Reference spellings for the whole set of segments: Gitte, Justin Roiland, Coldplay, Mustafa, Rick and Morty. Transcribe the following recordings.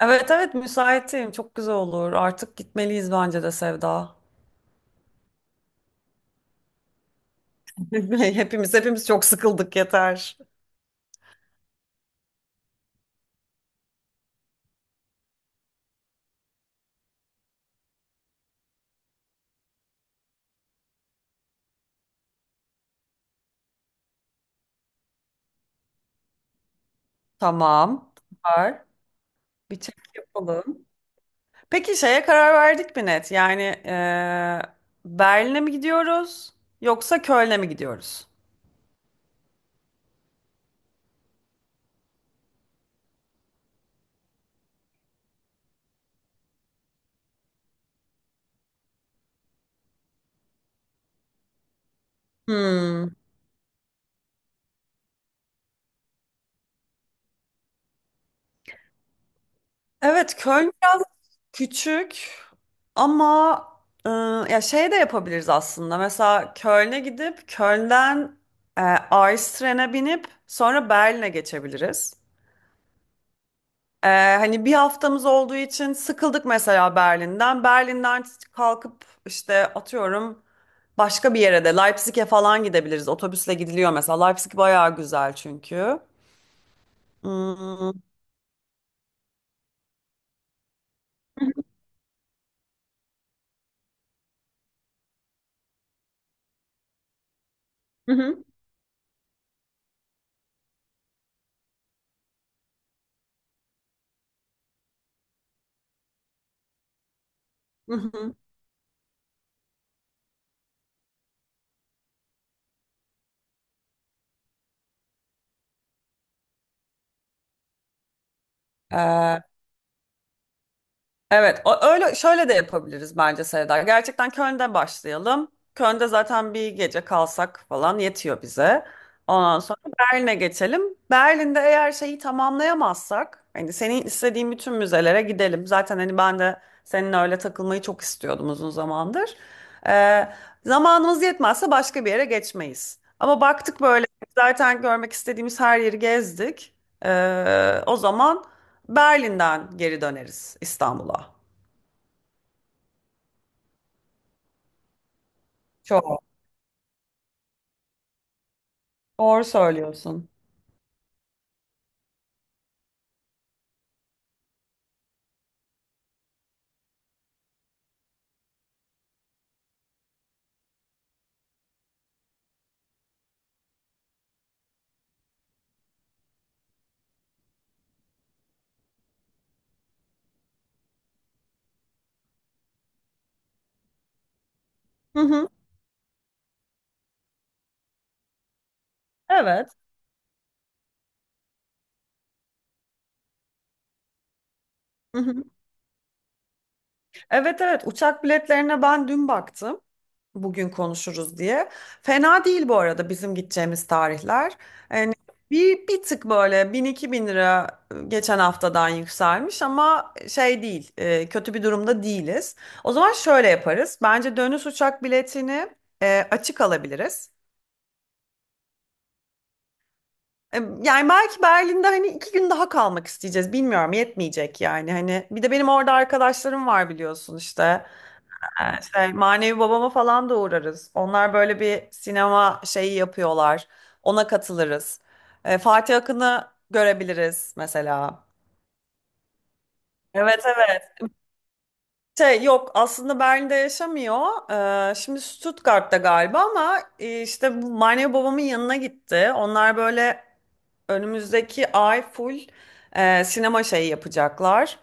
Evet evet müsaitim. Çok güzel olur. Artık gitmeliyiz bence de Sevda. Hepimiz çok sıkıldık yeter. Tamam. Var. Bir çek yapalım. Peki şeye karar verdik mi net? Yani Berlin'e mi gidiyoruz yoksa Köln'e mi gidiyoruz? Hmm. Evet, Köln biraz küçük. Ama e, ya şey de yapabiliriz aslında. Mesela Köln'e gidip Köln'den Ice binip sonra Berlin'e geçebiliriz. E, hani bir haftamız olduğu için sıkıldık mesela Berlin'den. Berlin'den kalkıp işte atıyorum başka bir yere de Leipzig'e falan gidebiliriz. Otobüsle gidiliyor mesela. Leipzig bayağı güzel çünkü. Hmm. Hı hı. Hı hı. Evet, öyle şöyle de yapabiliriz bence Seda. Gerçekten Köln'de başlayalım. Köln'de zaten bir gece kalsak falan yetiyor bize. Ondan sonra Berlin'e geçelim. Berlin'de eğer şeyi tamamlayamazsak, hani senin istediğin bütün müzelere gidelim. Zaten hani ben de seninle öyle takılmayı çok istiyordum uzun zamandır. Ee, zamanımız yetmezse başka bir yere geçmeyiz. Ama baktık böyle zaten görmek istediğimiz her yeri gezdik. O zaman Berlin'den geri döneriz İstanbul'a. Çok. Doğru söylüyorsun. Hı hı. Evet. Hı hı. Evet evet, uçak biletlerine ben dün baktım. Bugün konuşuruz diye. Fena değil bu arada bizim gideceğimiz tarihler. Yani bir tık böyle 1.000-2.000 lira geçen haftadan yükselmiş ama şey değil, kötü bir durumda değiliz. O zaman şöyle yaparız. Bence dönüş uçak biletini açık alabiliriz. Yani belki Berlin'de hani iki gün daha kalmak isteyeceğiz. Bilmiyorum, yetmeyecek yani. Hani bir de benim orada arkadaşlarım var biliyorsun işte. Şey, manevi babama falan da uğrarız. Onlar böyle bir sinema şeyi yapıyorlar. Ona katılırız. Fatih Akın'ı görebiliriz mesela. Evet evet. Şey yok aslında, Berlin'de yaşamıyor. Şimdi Stuttgart'ta galiba ama işte bu manevi babamın yanına gitti. Onlar böyle önümüzdeki ay full sinema şeyi yapacaklar.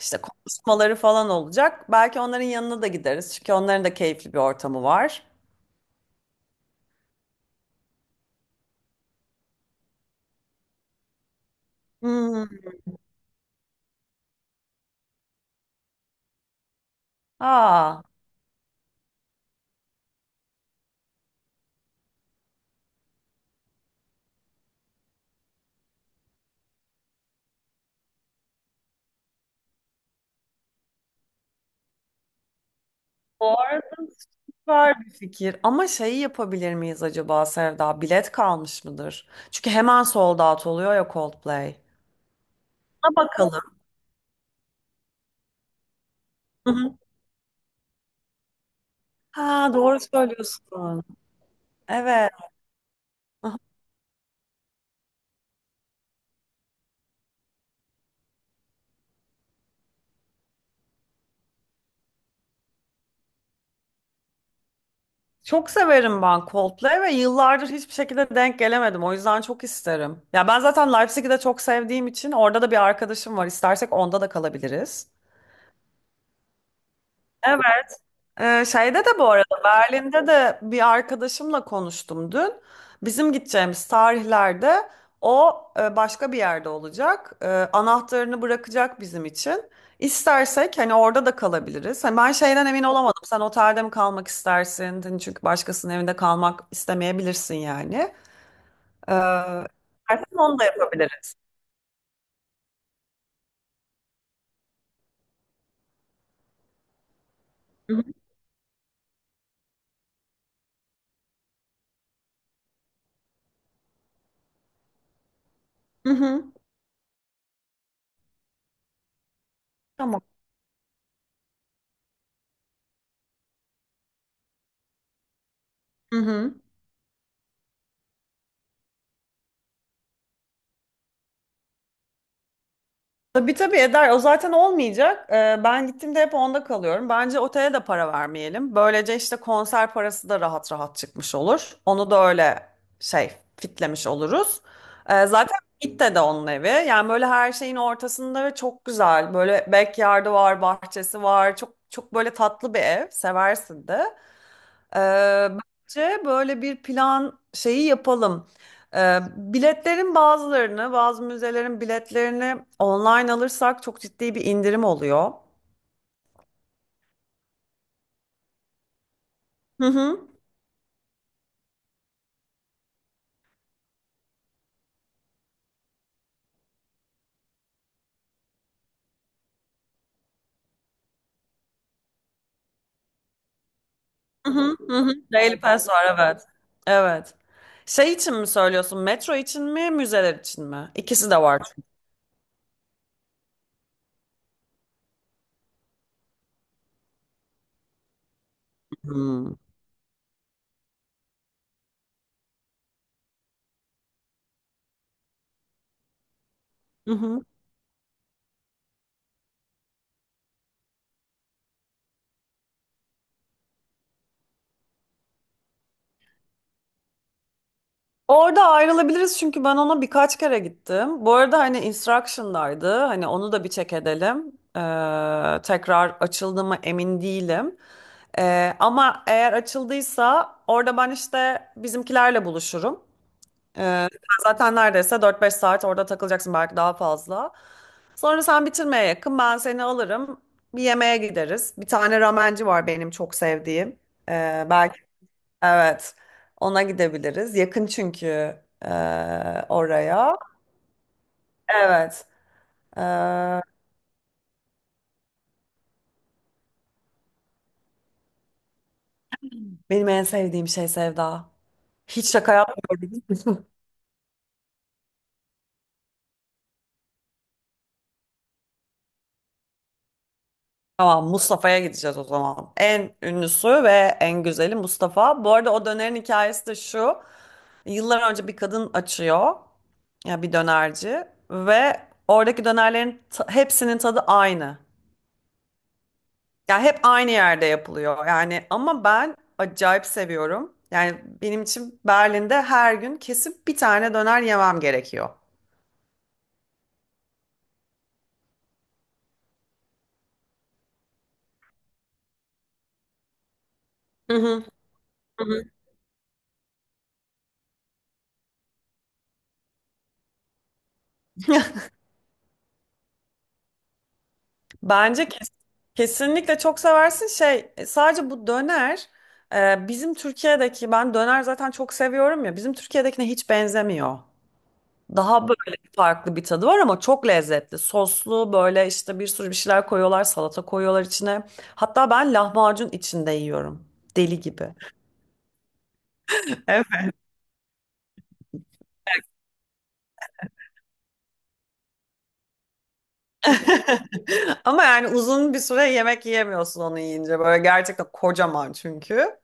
İşte konuşmaları falan olacak. Belki onların yanına da gideriz. Çünkü onların da keyifli bir ortamı var. Hmm. Aa, bu arada süper bir fikir. Ama şeyi yapabilir miyiz acaba Sevda? Bilet kalmış mıdır? Çünkü hemen sold out oluyor ya Coldplay. Ona bakalım. Hı hı. Ha, doğru söylüyorsun. Evet. Çok severim ben Coldplay ve yıllardır hiçbir şekilde denk gelemedim. O yüzden çok isterim. Ya ben zaten Leipzig'i de çok sevdiğim için orada da bir arkadaşım var. İstersek onda da kalabiliriz. Şeyde de bu arada Berlin'de de bir arkadaşımla konuştum dün. Bizim gideceğimiz tarihlerde o başka bir yerde olacak. Anahtarını bırakacak bizim için. İstersek hani orada da kalabiliriz. Hani ben şeyden emin olamadım. Sen otelde mi kalmak istersin? Hani çünkü başkasının evinde kalmak istemeyebilirsin yani. Ee, istersen onu da yapabiliriz. Hı hı. Hı hı. Tamam. Hı hı. Tabii tabii eder. O zaten olmayacak. Ben gittiğimde hep onda kalıyorum. Bence otele de para vermeyelim. Böylece işte konser parası da rahat rahat çıkmış olur. Onu da öyle şey fitlemiş oluruz. Zaten Gitte de onun evi. Yani böyle her şeyin ortasında ve çok güzel. Böyle backyard'ı var, bahçesi var. Çok çok böyle tatlı bir ev. Seversin de. Ee, bence böyle bir plan şeyi yapalım. Biletlerin bazılarını, bazı müzelerin biletlerini online alırsak çok ciddi bir indirim oluyor. Hı hı. Hı hı. Hı hı. Daily Pass var evet. Evet. Şey için mi söylüyorsun? Metro için mi, müzeler için mi? İkisi de var çünkü. Hmm. Hı hı. Orada ayrılabiliriz çünkü ben ona birkaç kere gittim. Bu arada hani instruction'daydı. Hani onu da bir check edelim. Tekrar açıldı mı emin değilim. Ama eğer açıldıysa orada ben işte bizimkilerle buluşurum. Sen zaten neredeyse 4-5 saat orada takılacaksın, belki daha fazla. Sonra sen bitirmeye yakın ben seni alırım. Bir yemeğe gideriz. Bir tane ramenci var benim çok sevdiğim. Ee, Evet. Ona gidebiliriz. Yakın çünkü e, oraya. Evet. E, benim en sevdiğim şey Sevda. Hiç şaka yapmıyorum. Tamam, Mustafa'ya gideceğiz o zaman. En ünlüsü ve en güzeli Mustafa. Bu arada o dönerin hikayesi de şu. Yıllar önce bir kadın açıyor. Ya bir dönerci ve oradaki dönerlerin hepsinin tadı aynı. Ya hep aynı yerde yapılıyor yani, ama ben acayip seviyorum. Yani benim için Berlin'de her gün kesip bir tane döner yemem gerekiyor. Hı hı, hı hı. Bence kesinlikle çok seversin. Şey sadece bu döner bizim Türkiye'deki, ben döner zaten çok seviyorum ya, bizim Türkiye'dekine hiç benzemiyor. Daha böyle farklı bir tadı var ama çok lezzetli. Soslu böyle, işte bir sürü bir şeyler koyuyorlar, salata koyuyorlar içine. Hatta ben lahmacun içinde yiyorum. Deli gibi. Ama yani uzun bir süre yemek yiyemiyorsun onu yiyince. Böyle gerçekten kocaman çünkü.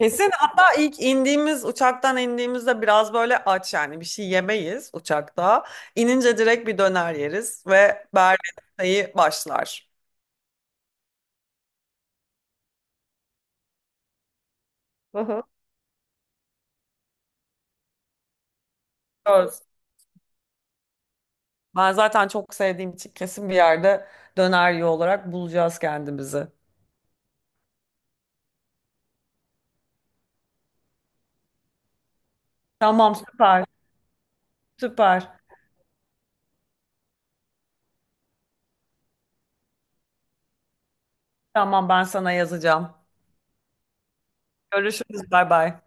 Kesin, hatta ilk indiğimiz, uçaktan indiğimizde biraz böyle aç, yani bir şey yemeyiz uçakta. İnince direkt bir döner yeriz ve Berlin sayı başlar. Hı hı. Görürüz. Ben zaten çok sevdiğim için kesin bir yerde döner yiyor olarak bulacağız kendimizi. Tamam, süper süper. Tamam, ben sana yazacağım. Görüşürüz, bay bay.